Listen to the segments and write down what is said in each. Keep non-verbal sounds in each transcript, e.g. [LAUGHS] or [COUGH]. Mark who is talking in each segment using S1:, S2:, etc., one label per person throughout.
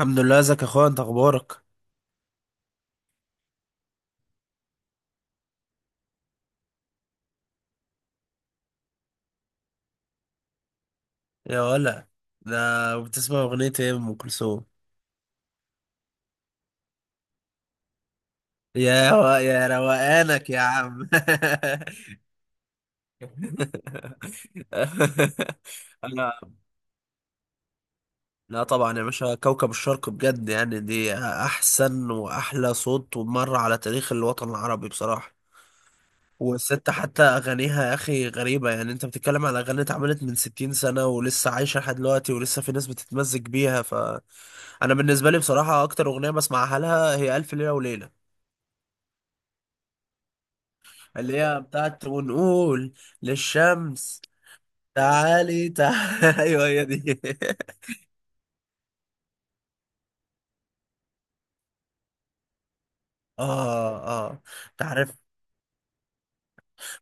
S1: الحمد لله. ازيك يا اخويا؟ انت اخبارك؟ يا ولا ده، بتسمع اغنية ايه ام كلثوم؟ يا روقانك يا عم [LAUGHS] انا. لا طبعا يا باشا، كوكب الشرق بجد، يعني دي احسن واحلى صوت ومر على تاريخ الوطن العربي بصراحة. والست حتى اغانيها يا اخي غريبة، يعني انت بتتكلم على اغاني اتعملت من 60 سنة ولسه عايشة لحد دلوقتي ولسه في ناس بتتمزج بيها. انا بالنسبه لي بصراحه اكتر اغنيه بسمعها لها هي الف ليله وليله، اللي هي بتاعت ونقول للشمس تعالي تعالي [LAUGHS] ايوه هي دي. اه، اه، تعرف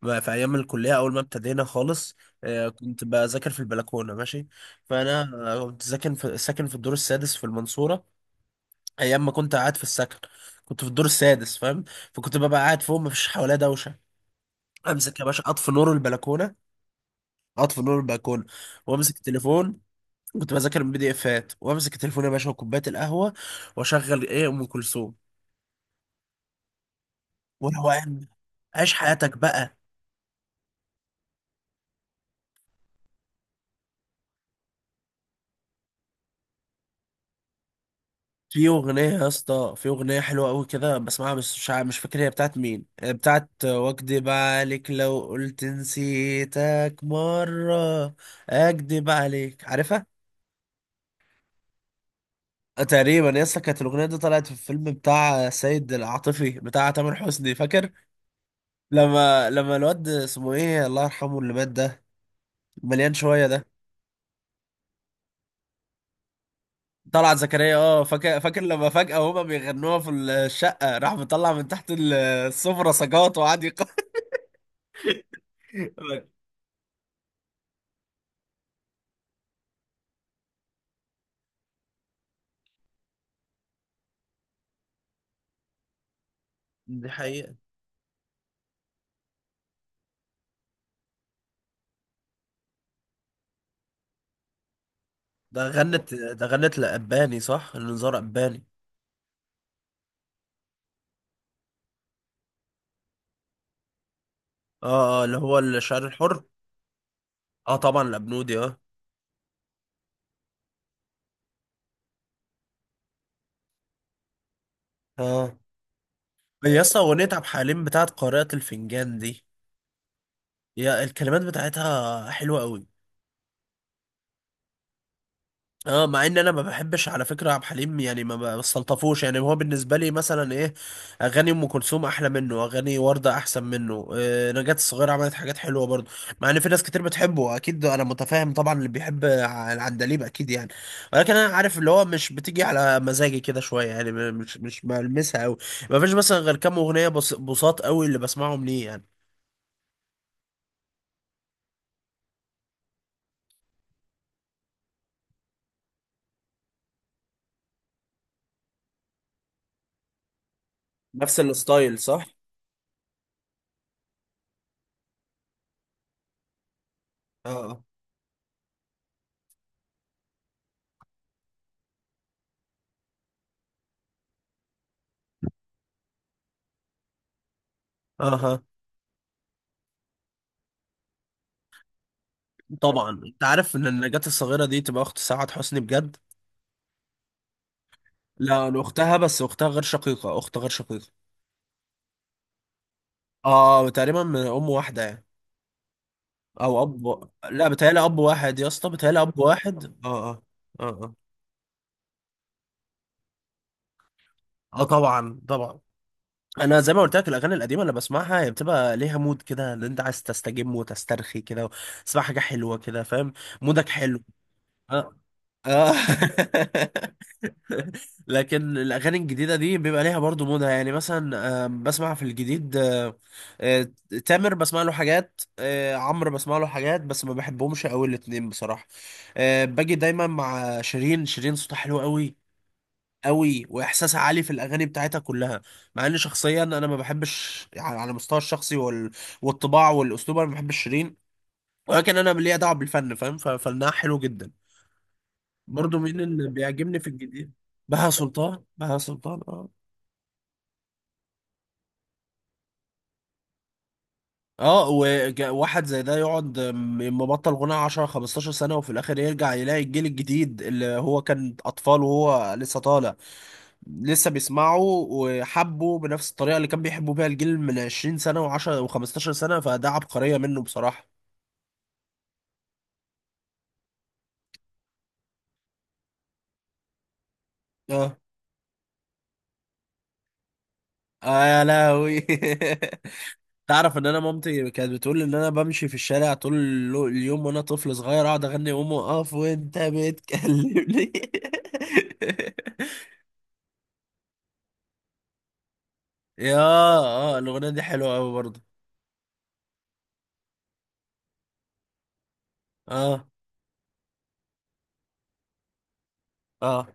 S1: ما في ايام الكليه اول ما ابتدينا خالص، كنت بذاكر في البلكونه ماشي. فانا كنت ساكن في الدور السادس في المنصوره، ايام ما كنت قاعد في السكن. كنت في الدور السادس، فاهم. فكنت ببقى قاعد فوق، مفيش حواليا دوشه. امسك يا باشا، اطفي نور البلكونه، اطفي نور البلكونه، وامسك التليفون. كنت بذاكر من بي دي افات، وامسك التليفون يا باشا وكوبايه القهوه، واشغل ايه، ام كلثوم، وروقان. عيش حياتك بقى. في اغنيه يا اسطى، في اغنيه حلوه قوي كده بسمعها، بس مش فاكر هي بتاعت مين، بتاعت واكدب عليك لو قلت نسيتك مره. اكدب عليك، عارفها. تقريبا يا اسطى، كانت الاغنيه دي طلعت في الفيلم بتاع سيد العاطفي بتاع تامر حسني، فاكر؟ لما الواد اسمه ايه، الله يرحمه، اللي مات ده، مليان شويه ده، طلعت زكريا. اه، فاكر لما فجأة هما بيغنوها في الشقة، راح مطلع من تحت السفرة سجاط وقعد [LAUGHS] دي حقيقة. ده غنت لأباني، صح، لنزار أباني. اه اه، اللي هو الشعر الحر. اه طبعا الأبنودي، اه. اه يا اسطى، أغنية عبد الحليم بتاعت قارئة الفنجان دي، يا الكلمات بتاعتها حلوة أوي. اه، مع ان انا ما بحبش على فكره عبد الحليم، يعني ما بستلطفوش، يعني هو بالنسبه لي مثلا ايه، اغاني ام كلثوم احلى منه، اغاني ورده احسن منه، آه، نجاة الصغيره عملت حاجات حلوه برضه. مع ان في ناس كتير بتحبه اكيد، انا متفاهم طبعا، اللي بيحب العندليب اكيد يعني. ولكن انا عارف اللي هو مش بتيجي على مزاجي كده شويه يعني، مش بلمسها قوي. ما فيش مثلا غير كام اغنيه بساط قوي اللي بسمعهم ليه يعني. نفس الستايل، صح؟ اه اه اها. طبعا انت عارف ان النجاة الصغيره دي تبقى اخت سعاد حسني بجد. لا، اختها، بس اختها غير شقيقة، اخت غير شقيقة. اه، تقريبا من ام واحدة يعني. او اب، لا بتهيألي اب واحد يا اسطى، بتهيألي اب واحد، اه اه. اه اه، اه طبعا طبعا. انا زي ما قلت لك، الاغاني القديمه اللي بسمعها هي بتبقى ليها مود كده، ان انت عايز تستجم وتسترخي كده، تسمع حاجه حلوه كده فاهم، مودك حلو. اه اه [LAUGHS] لكن الاغاني الجديده دي بيبقى ليها برضو مودها، يعني مثلا بسمع في الجديد، آه، تامر بسمع له حاجات، عمرو بسمع له حاجات، بس ما بحبهمش قوي الاتنين بصراحه. باجي دايما مع شيرين. شيرين صوتها حلو قوي قوي، واحساسها عالي في الاغاني بتاعتها كلها. مع ان شخصيا انا ما بحبش يعني على المستوى الشخصي والطباع والاسلوب، انا ما بحبش شيرين، ولكن انا ليا دعوه بالفن فاهم، ففنها حلو جدا. برضو مين اللي بيعجبني في الجديد؟ بهاء سلطان. اه، وواحد زي ده يقعد مبطل غناء 10 15 سنة، وفي الآخر يرجع يلاقي الجيل الجديد اللي هو كان أطفال وهو لسه طالع لسه بيسمعه وحبه بنفس الطريقة اللي كان بيحبوا بيها الجيل من 20 سنة و10 و15 سنة، فده عبقرية منه بصراحة. اه اه، يا لهوي [LAUGHS] تعرف ان انا مامتي كانت بتقول ان انا بمشي في الشارع طول اليوم وانا طفل صغير اقعد اغني قوم اقف وانت بتكلمني [LAUGHS] يا، اه، الاغنيه دي حلوه قوي برضه. اه اه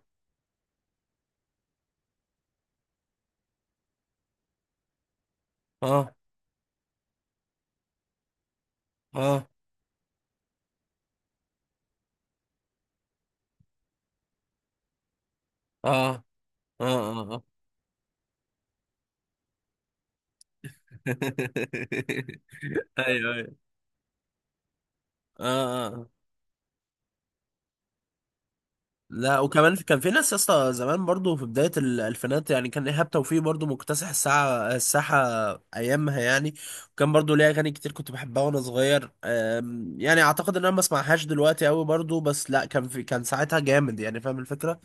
S1: اه اه اه اه اه [LAUGHS] ايوه ايوه. اه اه، آه. لا وكمان في، كان في ناس يا اسطى زمان برضه في بدايه الالفينات يعني، كان ايهاب توفيق برضه مكتسح الساحه ايامها يعني. وكان برضه ليه اغاني كتير كنت بحبها وانا صغير، يعني اعتقد ان انا ما اسمعهاش دلوقتي قوي برضه، بس لا كان، في كان ساعتها جامد يعني فاهم الفكره.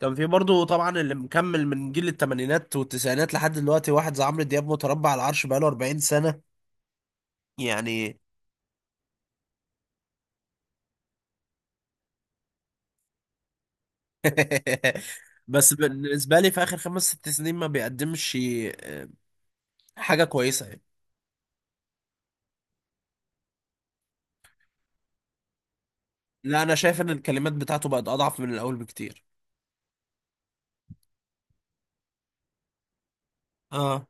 S1: كان في برضه طبعا اللي مكمل من جيل الثمانينات والتسعينات لحد دلوقتي، واحد زي عمرو دياب متربع على العرش بقاله 40 سنة يعني [LAUGHS] بس بالنسبة لي في آخر خمس ست سنين ما بيقدمش حاجة كويسة يعني. لا، أنا شايف إن الكلمات بتاعته بقت أضعف من الأول بكتير. اه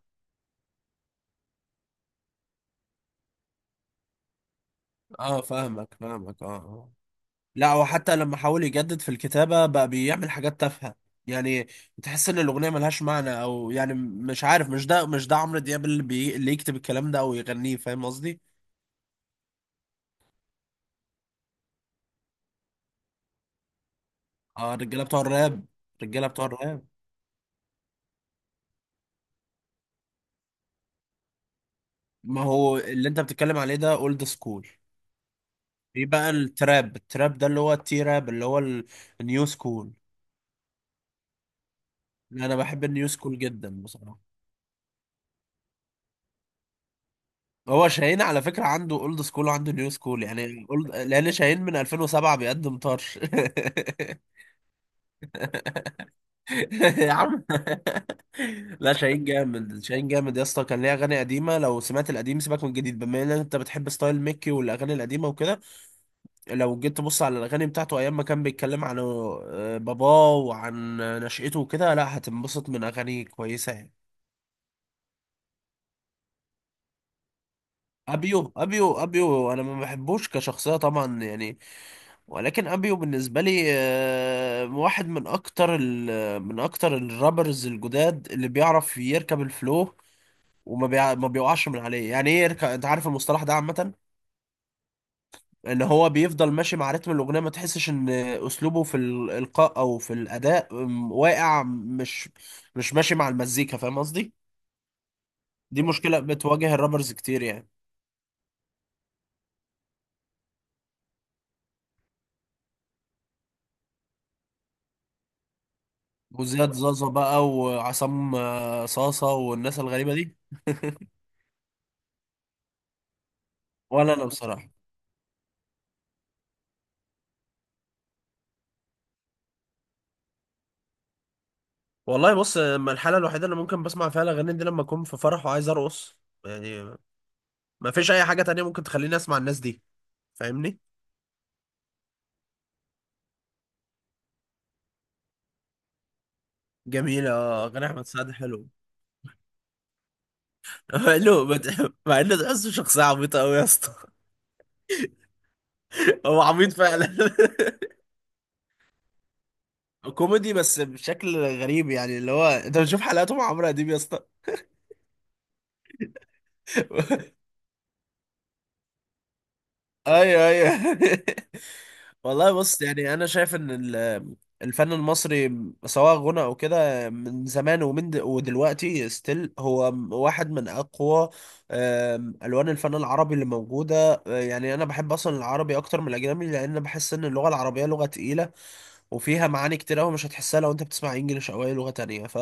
S1: اه، فاهمك اه آه. لا، وحتى لما حاول يجدد في الكتابة بقى بيعمل حاجات تافهة يعني، تحس ان الاغنية ملهاش معنى، او يعني مش عارف، مش ده، مش ده عمرو دياب اللي، اللي يكتب الكلام ده او يغنيه، فاهم قصدي؟ اه، الرجالة بتوع الراب، الرجالة بتوع الراب. ما هو اللي انت بتتكلم عليه ده اولد سكول. في بقى التراب، التراب ده اللي هو التي راب، اللي هو النيو سكول. انا بحب النيو سكول جدا بصراحة. هو شاهين على فكرة عنده اولد سكول وعنده نيو سكول، يعني اولد لان شاهين من 2007 بيقدم طرش [LAUGHS] [LAUGHS] يا عم، لا، شاهين جامد، شاهين جامد يا اسطى، كان ليه اغاني قديمه. لو سمعت القديم سيبك من الجديد، بما ان انت بتحب ستايل ميكي والاغاني القديمه وكده، لو جيت تبص على الاغاني بتاعته ايام ما كان بيتكلم عن باباه وعن نشأته وكده، لا هتنبسط من اغاني كويسه يعني. ابيو انا ما بحبوش كشخصيه طبعا يعني، ولكن ابيو بالنسبه لي واحد من اكتر من اكتر الرابرز الجداد اللي بيعرف يركب الفلو، ما بيقعش من عليه، يعني ايه يركع، انت عارف المصطلح ده، عامة ان هو بيفضل ماشي مع رتم الاغنية، ما تحسش ان اسلوبه في الالقاء او في الاداء واقع، مش ماشي مع المزيكا، فاهم قصدي؟ دي مشكلة بتواجه الرابرز كتير يعني. وزياد زازا بقى، وعصام صاصة، والناس الغريبة دي. ولا انا بصراحة. والله بص، أما الحالة الوحيدة اللي ممكن بسمع فيها الأغاني دي لما أكون في فرح وعايز أرقص يعني، ما فيش أي حاجة تانية ممكن تخليني أسمع الناس دي، فاهمني؟ جميلة. أغاني أحمد سعد حلو [LAUGHS] حلو، ما تح- مع انه تحسه شخصية عبيطة قوي يا اسطى. هو عبيط فعلا [LAUGHS] كوميدي بس بشكل غريب، يعني اللي هو انت بتشوف حلقاته مع عمرو اديب يا اسطى [LAUGHS] ايوه ايوه [LAUGHS] والله بص، يعني انا شايف ان الفن المصري سواء غنى او كده من زمان ومن ودلوقتي ستيل، هو واحد من اقوى الوان الفن العربي اللي موجوده، يعني انا بحب اصلا العربي اكتر من الاجنبي، لان بحس ان اللغه العربيه لغه تقيله وفيها معاني كتير قوي مش هتحسها لو انت بتسمع انجليش او اي لغة تانية ف.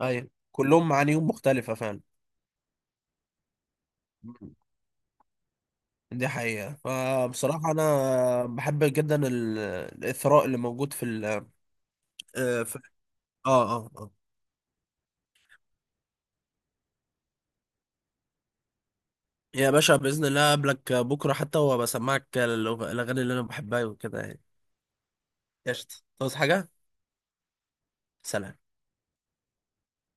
S1: ايوه كلهم معانيهم مختلفة فعلا. دي حقيقة. فبصراحة أنا بحب جدا الإثراء اللي موجود في ال، في، آه آه آه يا باشا بإذن الله أقابلك بكرة حتى، وبسمعك الأغاني اللي أنا بحبها وكده يعني. قشطة، تعوز حاجة؟ سلام.